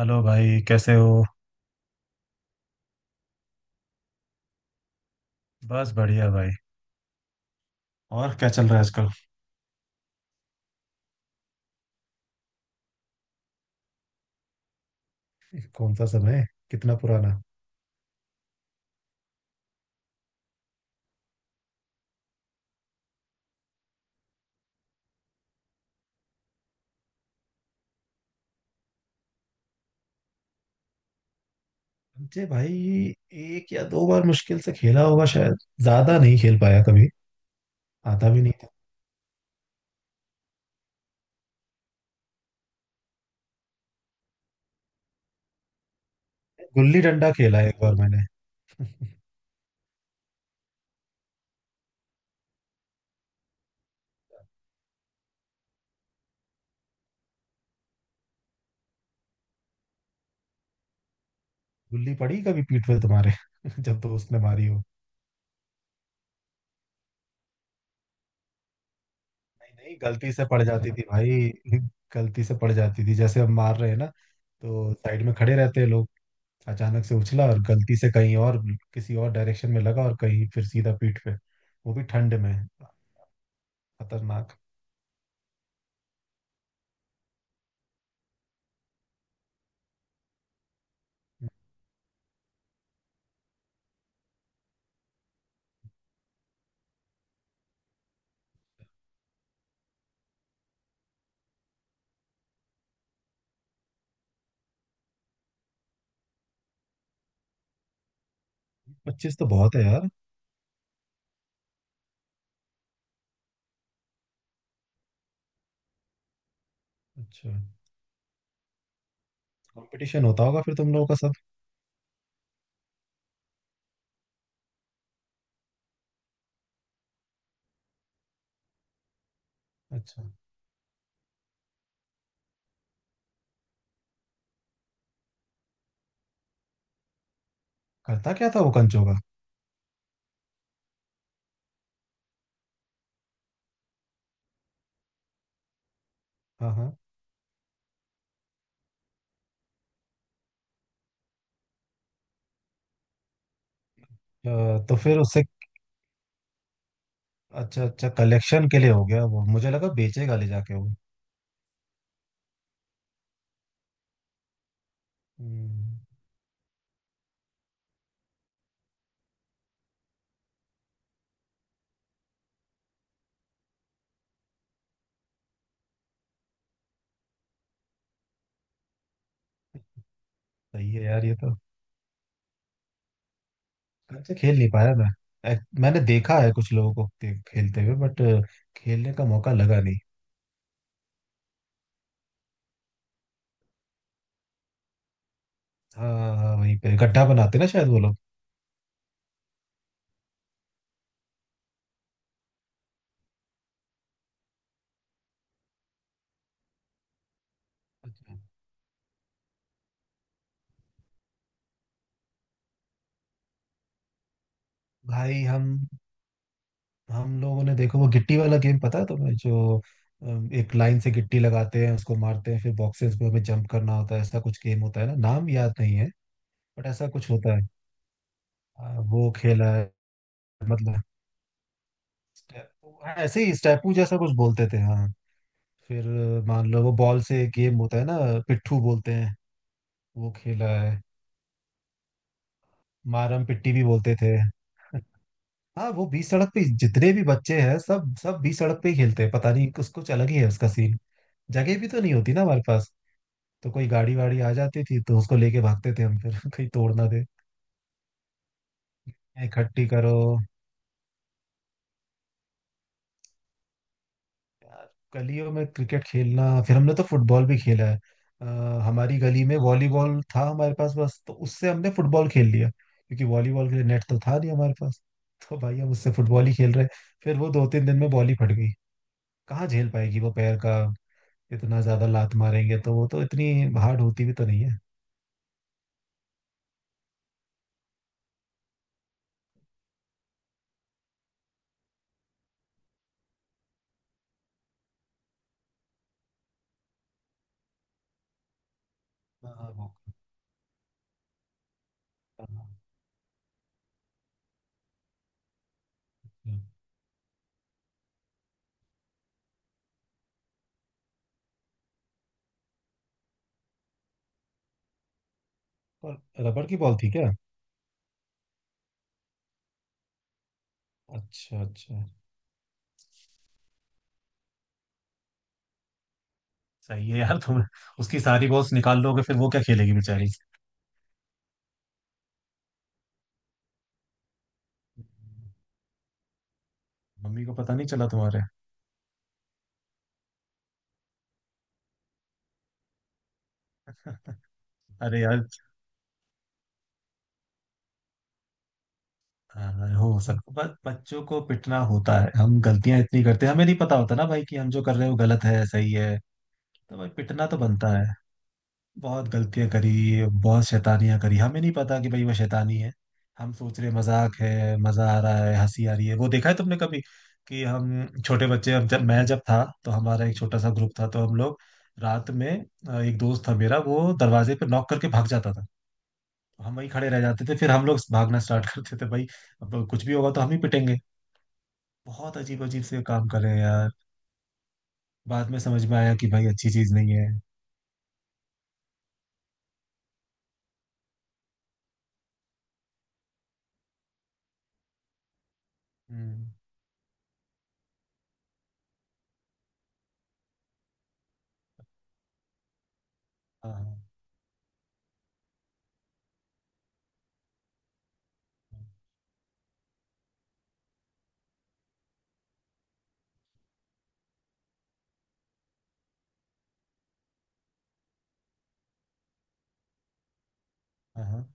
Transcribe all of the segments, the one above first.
Hello भाई, कैसे हो। बस बढ़िया भाई। और क्या चल रहा है आजकल। कौन सा समय, कितना पुराना। मुझे भाई एक या दो बार मुश्किल से खेला होगा शायद। ज्यादा नहीं खेल पाया कभी। आता भी नहीं था। गुल्ली डंडा खेला है एक बार मैंने। गुल्ली पड़ी कभी पीठ पे तुम्हारे जब दोस्त ने मारी हो। नहीं, नहीं, गलती से पड़ जाती थी भाई। गलती से पड़ जाती थी, जैसे हम मार रहे हैं ना तो साइड में खड़े रहते हैं लोग। अचानक से उछला और गलती से कहीं और, किसी और डायरेक्शन में लगा और कहीं फिर सीधा पीठ पे। वो भी ठंड में। खतरनाक। 25 तो बहुत है यार। अच्छा, कंपटीशन होता होगा फिर तुम लोगों का सब। अच्छा, करता क्या था वो कंचो का। हाँ हाँ। तो फिर उससे। अच्छा अच्छा, कलेक्शन के लिए हो गया, वो मुझे लगा बेचेगा ले जाके वो। हम्म। सही है यार ये तो। कंचे खेल नहीं पाया मैं। मैंने देखा है कुछ लोगों को खेलते हुए, बट खेलने का मौका लगा नहीं। हाँ हाँ, हाँ, वहीं पे गड्ढा बनाते ना शायद वो लोग। अच्छा। भाई, हम लोगों ने देखो वो गिट्टी वाला गेम पता है तुम्हें, जो एक लाइन से गिट्टी लगाते हैं उसको मारते हैं फिर बॉक्सेस पे हमें जंप करना होता है। ऐसा कुछ गेम होता है ना, नाम याद नहीं है, बट ऐसा कुछ होता है। वो खेला है। मतलब स्टे- हाँ, ऐसे ही स्टेपू जैसा कुछ बोलते थे हाँ। फिर मान लो वो बॉल से गेम होता है ना, पिट्ठू बोलते हैं। वो खेला है। मारम पिट्टी भी बोलते थे। हाँ, वो बीच सड़क पे जितने भी बच्चे हैं सब सब बीच सड़क पे ही खेलते हैं। पता नहीं कुछ कुछ अलग ही है उसका सीन। जगह भी तो नहीं होती ना हमारे पास। तो कोई गाड़ी वाड़ी आ जाती थी तो उसको लेके भागते थे हम, फिर कहीं तोड़ ना दे। "ए, इकट्ठी करो यार, गलियों में क्रिकेट खेलना।" फिर हमने तो फुटबॉल भी खेला है। अ, हमारी गली में वॉलीबॉल था हमारे पास बस, तो उससे हमने फुटबॉल खेल लिया, क्योंकि वॉलीबॉल के लिए नेट तो था नहीं हमारे पास। तो भाई हम उससे फुटबॉल ही खेल रहे। फिर वो 2 3 दिन में बॉल ही फट गई। कहाँ झेल पाएगी वो पैर का, इतना ज्यादा लात मारेंगे तो वो तो इतनी हार्ड होती भी तो नहीं है। हाँ, हाँ, हाँ। और रबड़ की बॉल थी क्या। अच्छा अच्छा। सही है यार तुम, उसकी सारी बॉस निकाल लोगे फिर वो क्या खेलेगी बेचारी। मम्मी को पता नहीं चला तुम्हारे। अरे यार। हाँ, हो सकता बच्चों को पिटना होता है। हम गलतियां इतनी करते हैं, हमें नहीं पता होता ना भाई कि हम जो कर रहे हैं वो गलत है, सही है। तो भाई पिटना तो बनता है। बहुत गलतियां करी। बहुत शैतानियां करी, हमें नहीं पता कि भाई वो शैतानी है। हम सोच रहे मजाक है, मजा आ रहा है, हंसी आ रही है। वो देखा है तुमने कभी, कि हम छोटे बच्चे, हम जब मैं जब था तो हमारा एक छोटा सा ग्रुप था, तो हम लोग रात में एक दोस्त था मेरा, वो दरवाजे पे नॉक करके भाग जाता था। हम वहीं खड़े रह जाते थे, फिर हम लोग भागना स्टार्ट करते थे भाई। अब कुछ भी होगा तो हम ही पिटेंगे। बहुत अजीब अजीब से काम कर रहे हैं यार। बाद में समझ में आया कि भाई अच्छी चीज नहीं है। हम्म। हाँ हाँ। हाँ हाँ।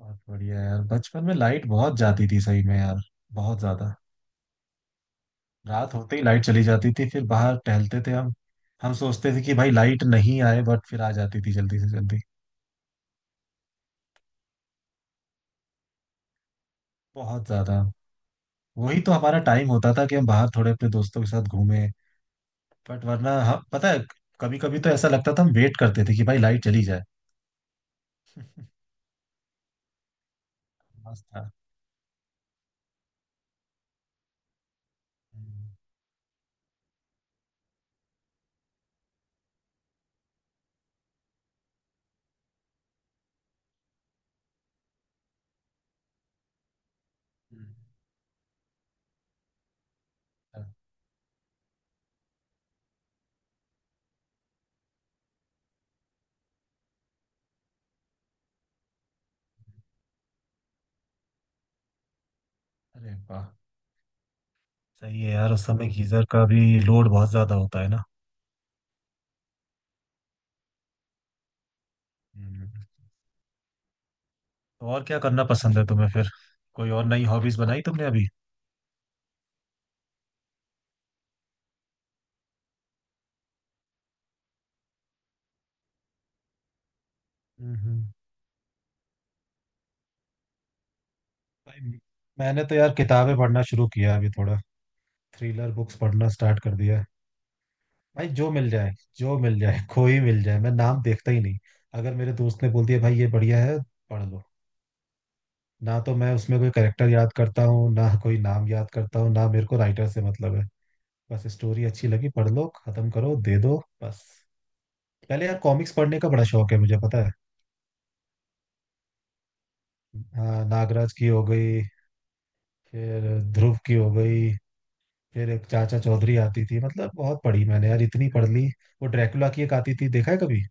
बहुत बढ़िया यार, बचपन में लाइट बहुत जाती थी सही में यार। बहुत ज्यादा। रात होते ही लाइट चली जाती थी, फिर बाहर टहलते थे हम। हम सोचते थे कि भाई लाइट नहीं आए, बट फिर आ जाती थी जल्दी से जल्दी। बहुत ज्यादा। वही तो हमारा टाइम होता था कि हम बाहर थोड़े अपने दोस्तों के साथ घूमें। बट वरना हम पता है, कभी कभी तो ऐसा लगता था, हम वेट करते थे कि भाई लाइट चली जाए। मस्त था। हम्म। हम्म। अरे वाह। सही है यार, उस समय गीजर का भी लोड बहुत ज्यादा होता है ना। हम्म। और क्या करना पसंद है तुम्हें फिर। कोई और नई हॉबीज बनाई तुमने अभी। हम्म। भाई मैंने तो यार किताबें पढ़ना शुरू किया अभी थोड़ा। थ्रिलर बुक्स पढ़ना स्टार्ट कर दिया है। भाई जो मिल जाए, कोई मिल जाए, मैं नाम देखता ही नहीं। अगर मेरे दोस्त ने बोल दिया भाई ये बढ़िया है, पढ़ लो। ना तो मैं उसमें कोई कैरेक्टर याद करता हूँ, ना कोई नाम याद करता हूँ, ना मेरे को राइटर से मतलब है। बस स्टोरी अच्छी लगी, पढ़ लो, खत्म करो, दे दो बस। पहले यार कॉमिक्स पढ़ने का बड़ा शौक है मुझे, पता है। हाँ, नागराज की हो गई, फिर ध्रुव की हो गई, फिर एक चाचा चौधरी आती थी। मतलब बहुत पढ़ी मैंने यार, इतनी पढ़ ली। वो ड्रैकुला की एक आती थी, देखा है कभी।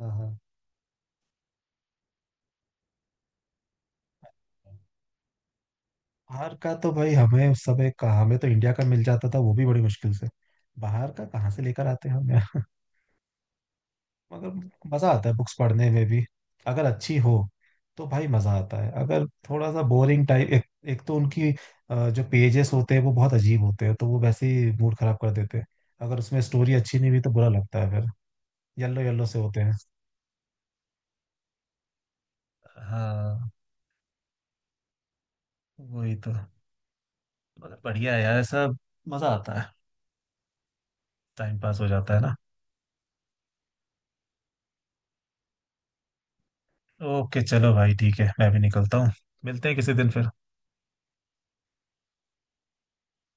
हाँ हाँ। बाहर का तो भाई हमें उस समय कहाँ, हमें तो इंडिया का मिल जाता था वो भी बड़ी मुश्किल से। बाहर का कहाँ से लेकर आते हैं हम यार। मगर मजा आता है बुक्स पढ़ने में भी, अगर अच्छी हो तो भाई मजा आता है। अगर थोड़ा सा बोरिंग टाइप एक तो उनकी जो पेजेस होते हैं वो बहुत अजीब होते हैं, तो वो वैसे ही मूड खराब कर देते हैं। अगर उसमें स्टोरी अच्छी नहीं हुई तो बुरा लगता है फिर। येलो येलो से होते हैं। हाँ, वही तो। मगर बढ़िया है यार ऐसा, मजा आता है, टाइम पास हो जाता है ना। ओके चलो भाई, ठीक है, मैं भी निकलता हूँ। मिलते हैं किसी दिन फिर।